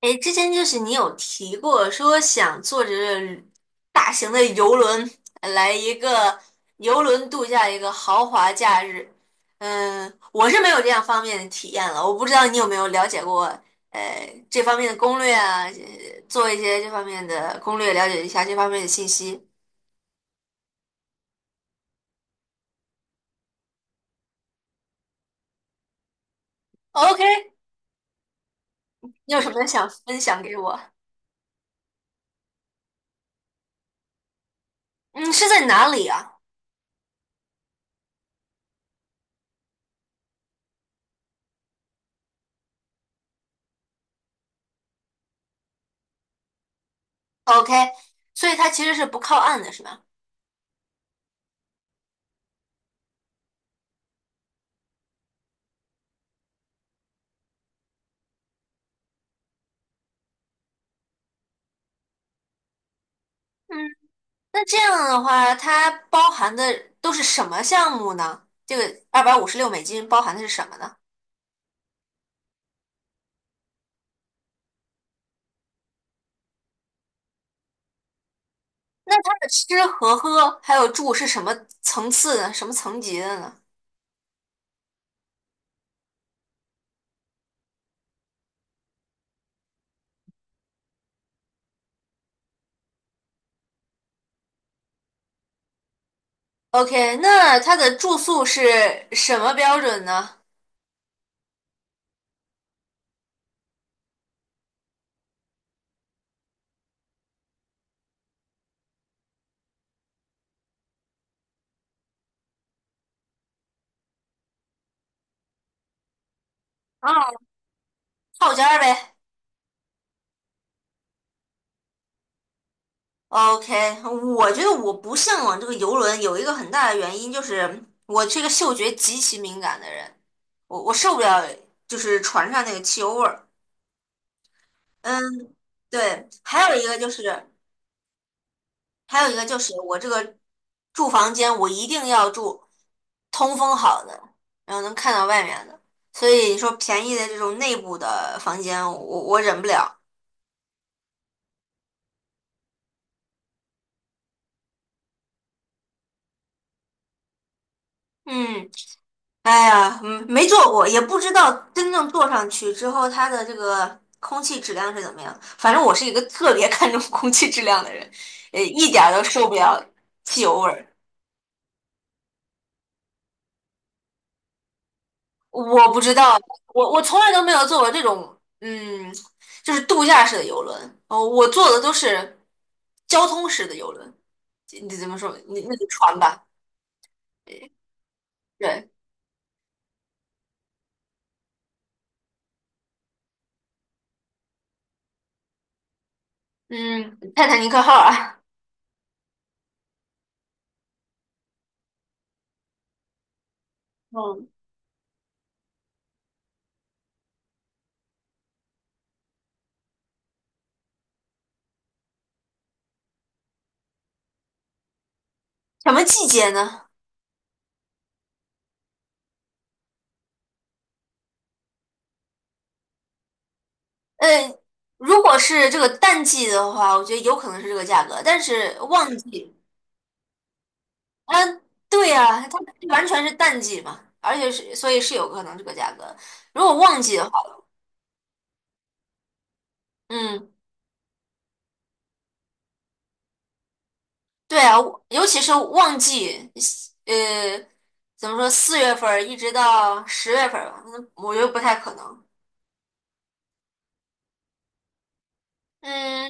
哎，之前就是你有提过说想坐着大型的游轮来一个游轮度假一个豪华假日，我是没有这样方面的体验了，我不知道你有没有了解过呃这方面的攻略啊，做一些这方面的攻略，了解一下这方面的信息。OK，你有什么想分享给我？嗯，是在哪里啊？OK，所以它其实是不靠岸的，是吧？嗯。那这样的话，它包含的都是什么项目呢？这个$256包含的是什么呢？它的吃和喝还有住是什么层次的，什么层级的呢？OK，那它的住宿是什么标准呢？啊，套间儿呗。OK，我觉得我不向往这个游轮，有一个很大的原因就是我是一个嗅觉极其敏感的人，我受不了就是船上那个汽油味儿。嗯，对，还有一个就是。还有一个就是我这个住房间，我一定要住通风好的，然后能看到外面的。所以你说便宜的这种内部的房间，我忍不了。嗯，哎呀，嗯没坐过，也不知道真正坐上去之后，它的这个空气质量是怎么样。反正我是一个特别 看重空气质量的人，一点儿都受不了汽油味儿。我不知道，我从来都没有坐过这种，嗯，就是度假式的游轮。哦，我坐的都是交通式的游轮，你怎么说？你那个船吧？对，嗯，泰坦尼克号啊。嗯，什么季节呢？呃，如果是这个淡季的话，我觉得有可能是这个价格，但是旺季，嗯，对呀，它完全是淡季嘛，而且是所以是有可能这个价格。如果旺季的话，嗯。对啊，我尤其是旺季，呃，怎么说，4月份儿一直到10月份儿吧，嗯我觉得不太可能。嗯，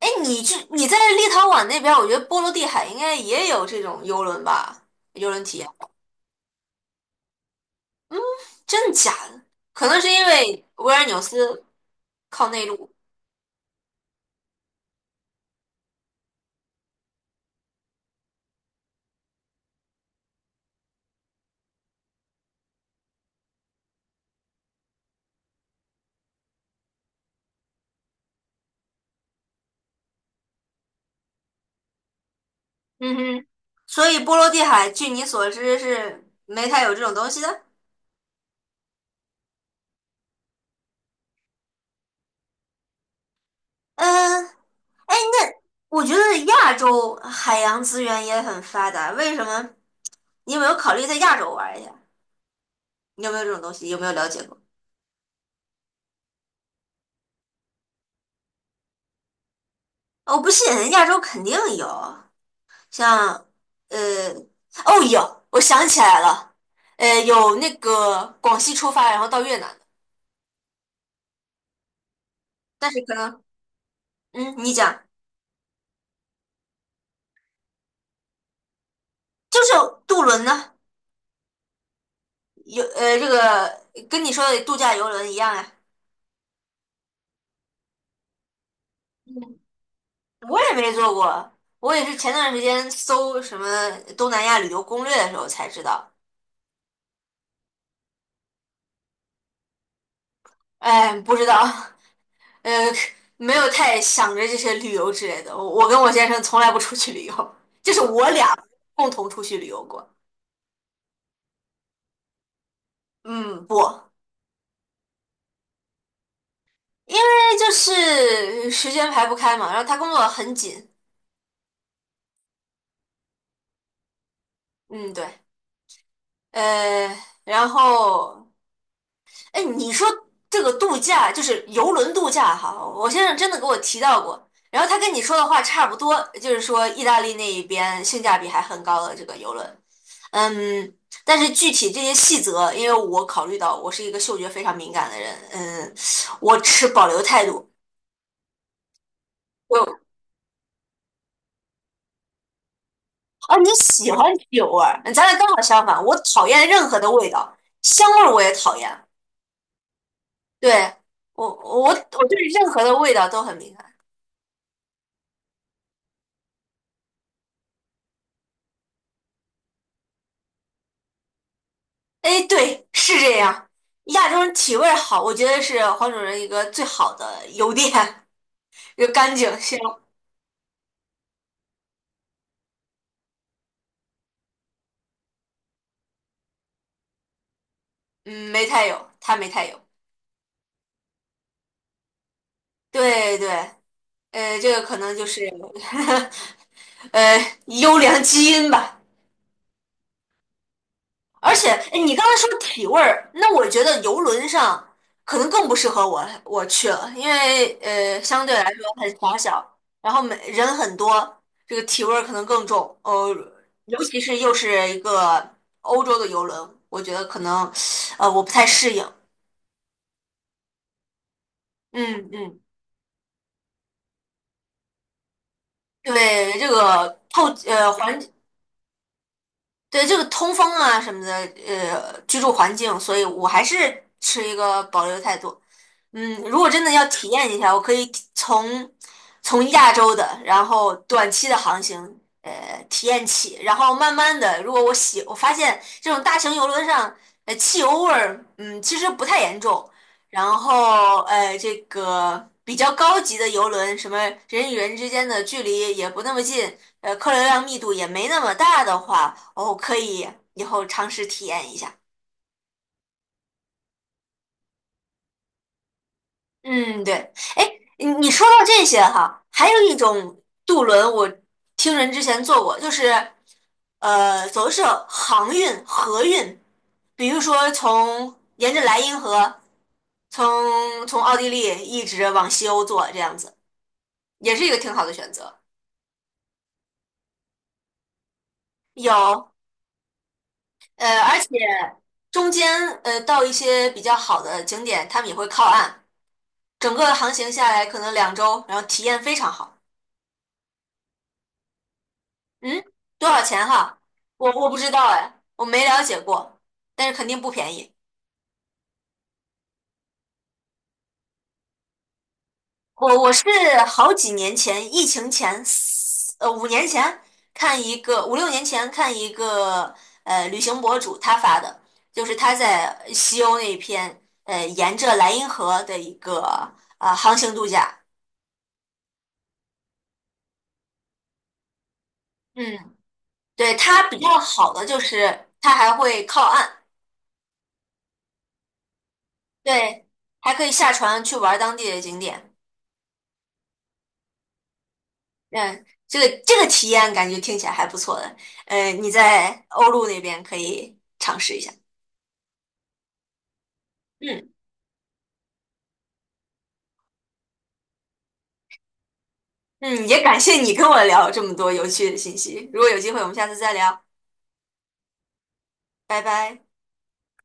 哎，你在立陶宛那边儿我觉得波罗的海应该也有这种游轮吧，游轮体验，真的假的？可能是因为维尔纽斯靠内陆，嗯哼，所以波罗的海，据你所知是没太有这种东西的。嗯，我觉得亚洲海洋资源也很发达，为什么？你有没有考虑在亚洲玩一下？你有没有这种东西？有没有了解过？我不信，亚洲肯定有，像呃，哦，有，我想起来了，有那个广西出发，然后到越南的，但是可能，嗯，你讲，就是渡轮呢，有这个跟你说的度假游轮一样呀，我也没坐过，我也是前段时间搜什么东南亚旅游攻略的时候才知道。哎，不知道，呃，没有太想着这些旅游之类的。我跟我先生从来不出去旅游，就是我俩共同出去旅游过。嗯，不，因为就是时间排不开嘛，然后他工作很紧。嗯，对，呃，然后。哎，你说这个度假就是游轮度假哈，我先生真的给我提到过，然后他跟你说的话差不多，就是说意大利那一边性价比还很高的这个游轮，嗯，但是具体这些细则，因为我考虑到我是一个嗅觉非常敏感的人，嗯，我持保留态度。我啊，你喜欢酒味儿，咱俩刚好相反，我讨厌任何的味道，香味儿我也讨厌，对，我对任何的味道都很敏感。哎，对，是这样。亚洲人体味儿好，我觉得是黄种人一个最好的优点，就干净香。嗯，没太有，他没太有。对对，这个可能就是 呃优良基因吧。而且，哎，你刚才说体味儿，那我觉得游轮上可能更不适合我去了，因为相对来说很狭小，然后每人很多，这个体味儿可能更重。尤其是又是一个欧洲的游轮，我觉得可能我不太适应。嗯嗯，对，这个透呃环对这个通风啊什么的，居住环境，所以我还是持一个保留态度。嗯，如果真的要体验一下，我可以从亚洲的，然后短期的航行，体验起，然后慢慢的，如果我喜，我发现这种大型游轮上，汽油味儿，嗯，其实不太严重，然后这个比较高级的游轮，什么人与人之间的距离也不那么近。客流量密度也没那么大的话，哦，可以以后尝试体验一下。嗯，对。哎，你说到这些哈，还有一种渡轮，我听人之前坐过，就是走的是航运、河运，比如说从沿着莱茵河，从奥地利一直往西欧坐，这样子也是一个挺好的选择。有，而且中间到一些比较好的景点，他们也会靠岸。整个航行下来可能2周，然后体验非常好。嗯，多少钱哈？我不知道哎，我没了解过，但是肯定不便宜。我是好几年前，疫情前，5年前看一个，5、6年前看一个旅行博主他发的，就是他在西欧那边，沿着莱茵河的一个航行度假。嗯，对，它比较好的就是它还会靠岸。对，还可以下船去玩当地的景点。嗯，这个这个体验感觉听起来还不错的。呃，你在欧陆那边可以尝试一下。嗯嗯，也感谢你跟我聊这么多有趣的信息。如果有机会，我们下次再聊，拜拜。